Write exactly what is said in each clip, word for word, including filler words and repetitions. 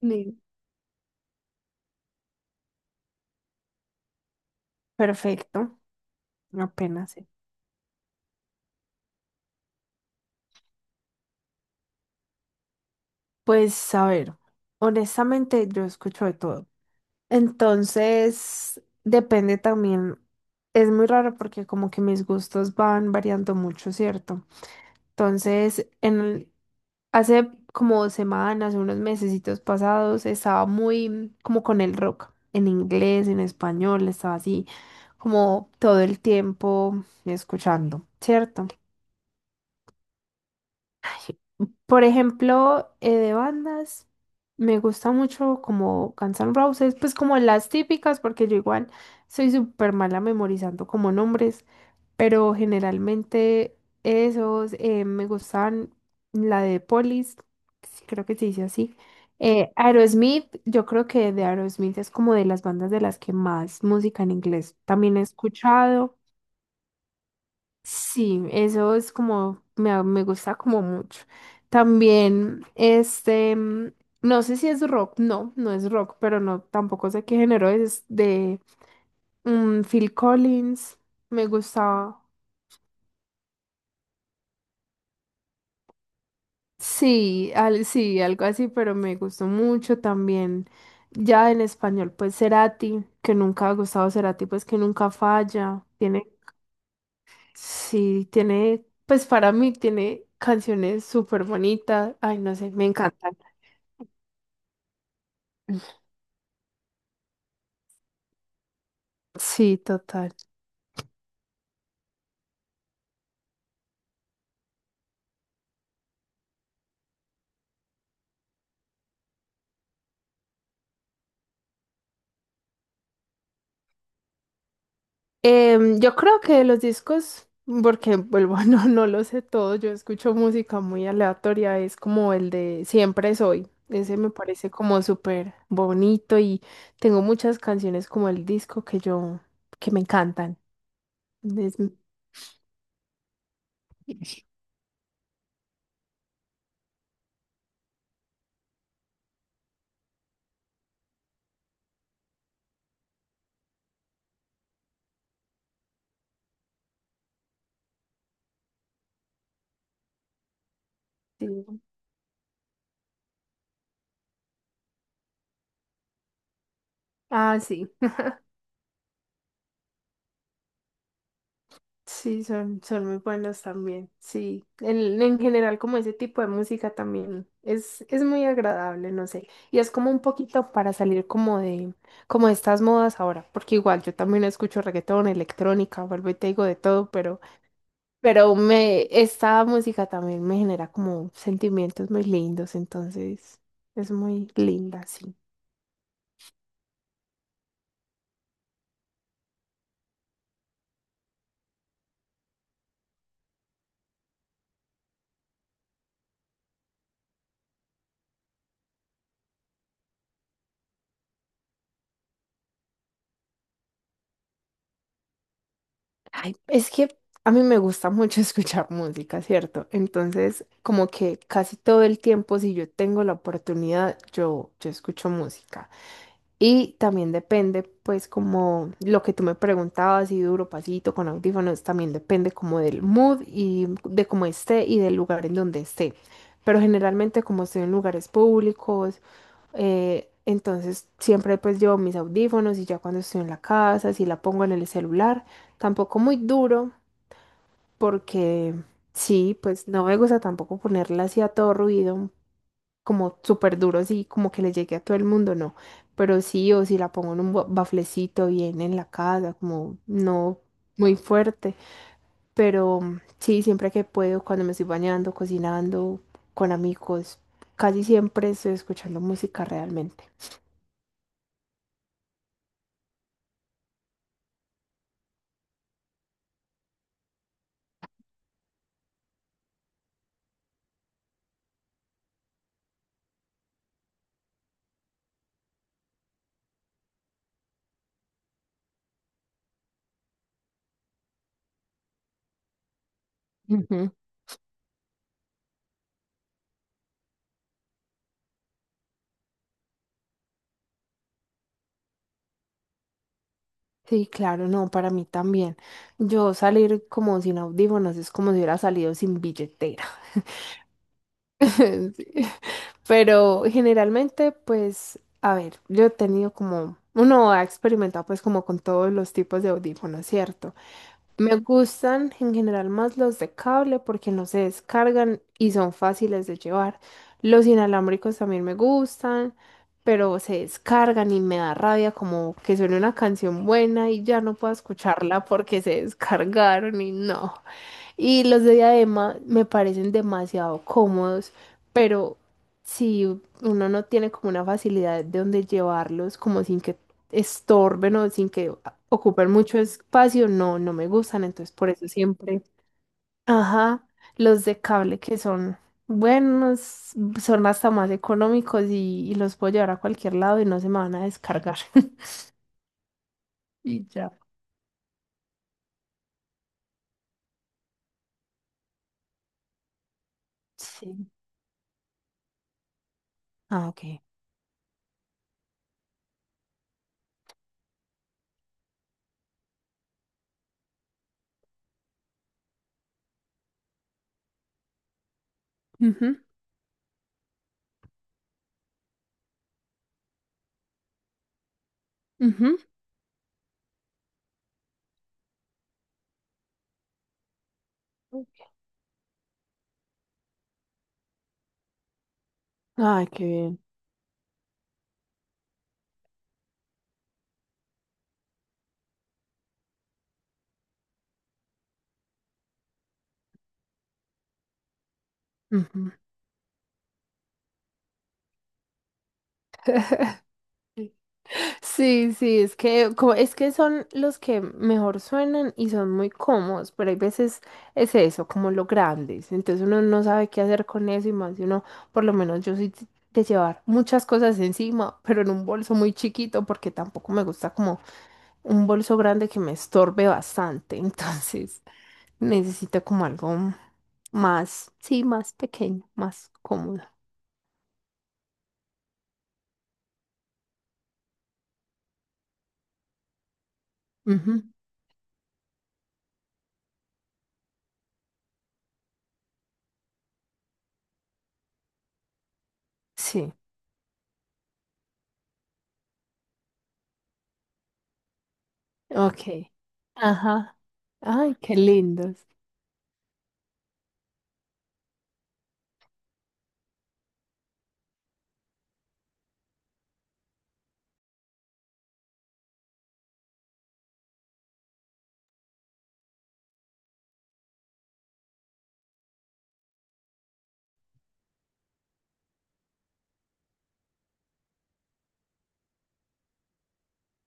Sí. Perfecto, apenas sé. Pues a ver, honestamente yo escucho de todo. Entonces, depende también. Es muy raro porque como que mis gustos van variando mucho, ¿cierto? Entonces, en el- hace como dos semanas, unos mesecitos pasados, estaba muy como con el rock, en inglés, en español, estaba así como todo el tiempo escuchando, ¿cierto? Por ejemplo, eh, de bandas, me gusta mucho como Guns N' Roses, pues como las típicas, porque yo igual soy súper mala memorizando como nombres, pero generalmente esos eh, me gustan la de Police, sí, creo que se dice así. Eh, Aerosmith, yo creo que de Aerosmith es como de las bandas de las que más música en inglés también he escuchado. Sí, eso es como, me, a- me gusta como mucho. También, este, mm, no sé si es rock, no, no es rock, pero no, tampoco sé qué género es, de mm, Phil Collins, me gustaba, sí, al- sí, algo así, pero me gustó mucho también. Ya en español, pues Cerati, que nunca ha gustado Cerati, pues que nunca falla, tiene, sí, tiene, pues para mí tiene canciones súper bonitas, ay, no sé, me encanta. Sí, total. Em, yo creo que los discos, porque vuelvo, no, no lo sé todo, yo escucho música muy aleatoria, es como el de Siempre Soy. Ese me parece como súper bonito y tengo muchas canciones como el disco que yo, que me encantan. Es- sí. Ah, sí. Sí, son, son muy buenos también. Sí, en, en general como ese tipo de música también es, es muy agradable, no sé. Y es como un poquito para salir como de, como de estas modas ahora, porque igual yo también escucho reggaetón, electrónica, vuelvo y te digo de todo, pero, pero me, esta música también me genera como sentimientos muy lindos, entonces es muy linda, sí. Ay, es que a mí me gusta mucho escuchar música, ¿cierto? Entonces, como que casi todo el tiempo, si yo tengo la oportunidad, yo, yo escucho música. Y también depende, pues, como lo que tú me preguntabas, si duro, pasito, con audífonos, también depende como del mood y de cómo esté y del lugar en donde esté. Pero generalmente, como estoy en lugares públicos, eh, entonces siempre pues llevo mis audífonos y ya cuando estoy en la casa, si la pongo en el celular, tampoco muy duro, porque sí, pues no me gusta tampoco ponerla así a todo ruido, como súper duro, así como que le llegue a todo el mundo, no. Pero sí, o si la pongo en un ba- baflecito bien en la casa, como no muy fuerte, pero sí, siempre que puedo, cuando me estoy bañando, cocinando, con amigos, casi siempre estoy escuchando música realmente. Ujú. Sí, claro, no, para mí también. Yo salir como sin audífonos es como si hubiera salido sin billetera. Sí. Pero generalmente, pues, a ver, yo he tenido como, uno ha experimentado pues como con todos los tipos de audífonos, ¿cierto? Me gustan en general más los de cable porque no se descargan y son fáciles de llevar. Los inalámbricos también me gustan, pero se descargan y me da rabia como que suene una canción buena y ya no puedo escucharla porque se descargaron y no. Y los de diadema me parecen demasiado cómodos, pero si uno no tiene como una facilidad de donde llevarlos, como sin que estorben o sin que a- ocupen mucho espacio, no, no me gustan. Entonces, por eso siempre, ajá, los de cable que son buenos, son hasta más económicos y, y los puedo llevar a cualquier lado y no se me van a descargar. Y ya. Sí. Ah, ok. Ujú, ujú. Ay, qué bien. Ujú. Sí, sí, es que, como es que son los que mejor suenan y son muy cómodos, pero hay veces es eso, como los grandes, entonces uno no sabe qué hacer con eso y más si uno, por lo menos yo soy de llevar muchas cosas encima, pero en un bolso muy chiquito porque tampoco me gusta como un bolso grande que me estorbe bastante, entonces necesito como algo más, sí, más pequeño, más cómodo. Ujú, Sí. Ok. Ajá. Ay, qué lindos.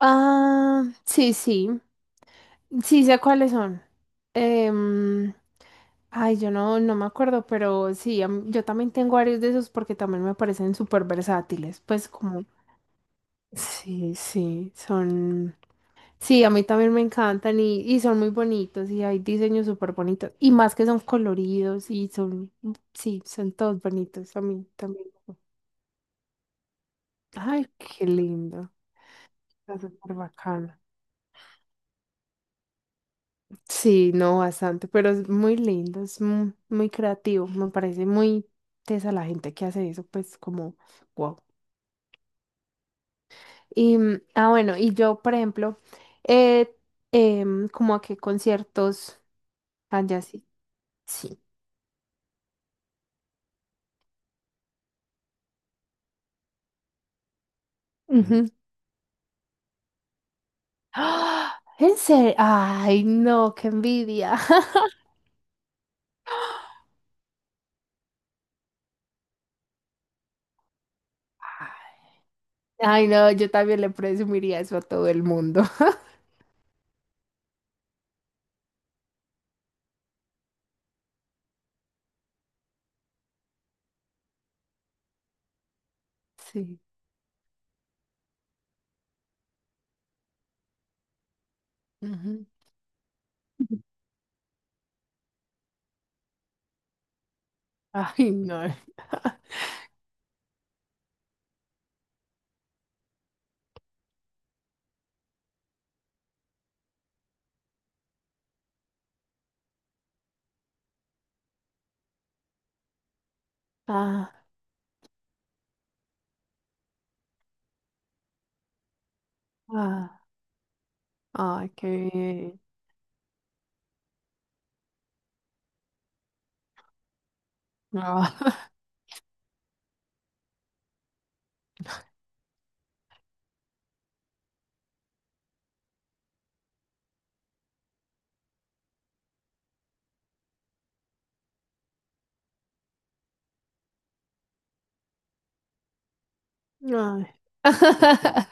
Ah, sí, sí. Sí, sé cuáles son. Em, Ay, yo no, no me acuerdo, pero sí, am- yo también tengo varios de esos porque también me parecen súper versátiles. Pues como, sí, sí, son, sí, a mí también me encantan y, y son muy bonitos y hay diseños súper bonitos. Y más que son coloridos y son, sí, son todos bonitos a mí también. Ay, qué lindo. Está súper bacano. Sí, no, bastante, pero es muy lindo, es muy, muy creativo. Me parece muy tesa la gente que hace eso, pues como, wow. Y, mm, ah, bueno, y yo, por ejemplo, eh, em, como a qué conciertos allá sí. Sí. Ujú. ¡Ah! ¿En serio? Ay, no, qué envidia. Ay, no, yo también le presumiría eso a todo el mundo. Sí. Ujú. Ay, no. Ah. Ah, ay, qué bien. Ah, ay.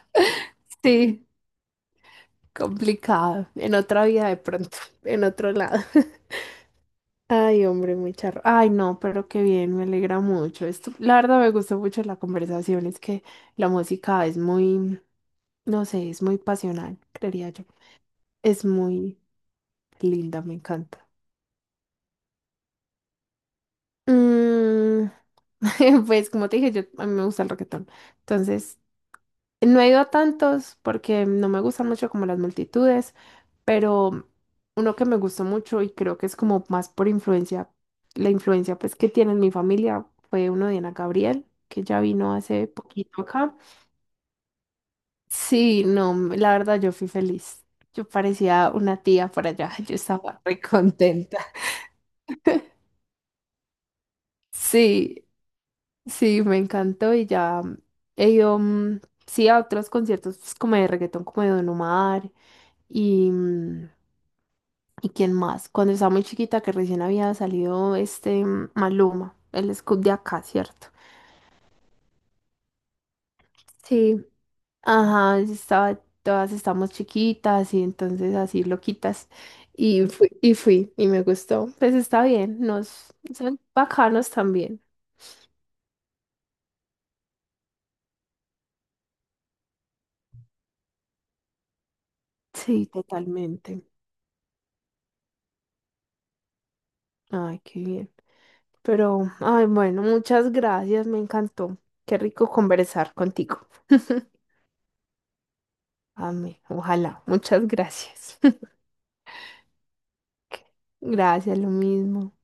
Sí, complicado. En otra vida de pronto, en otro lado. Ay, hombre, muy charro. Ay, no, pero qué bien, me alegra mucho. Esto, la verdad me gustó mucho la conversación, es que la música es muy, no sé, es muy pasional, creería yo. Es muy linda, me encanta. Mm, pues como te dije, yo, a mí me gusta el reggaetón. Entonces, No he ido a tantos porque no me gustan mucho como las multitudes, pero uno que me gustó mucho y creo que es como más por influencia, la influencia pues que tiene en mi familia fue uno de Ana Gabriel, que ya vino hace poquito acá. Sí, no, m- la verdad yo fui feliz. Yo parecía una tía por allá, yo estaba re contenta. Sí, sí, me encantó y ya he ido, mm, sí, a otros conciertos pues, como de reggaetón, como de Don Omar y... mm, ¿y quién más? Cuando estaba muy chiquita, que recién había salido este mm, Maluma, el Scoop de acá, ¿cierto? Sí. Ajá, estaba, todas estamos chiquitas y entonces así loquitas. Y fui, y fui, y me gustó. Pues está bien, nos son bacanos también. Sí, totalmente. Ay, qué bien. Pero, ay, bueno, muchas gracias, me encantó. Qué rico conversar contigo. Amén, ojalá. Muchas gracias. Gracias, lo mismo.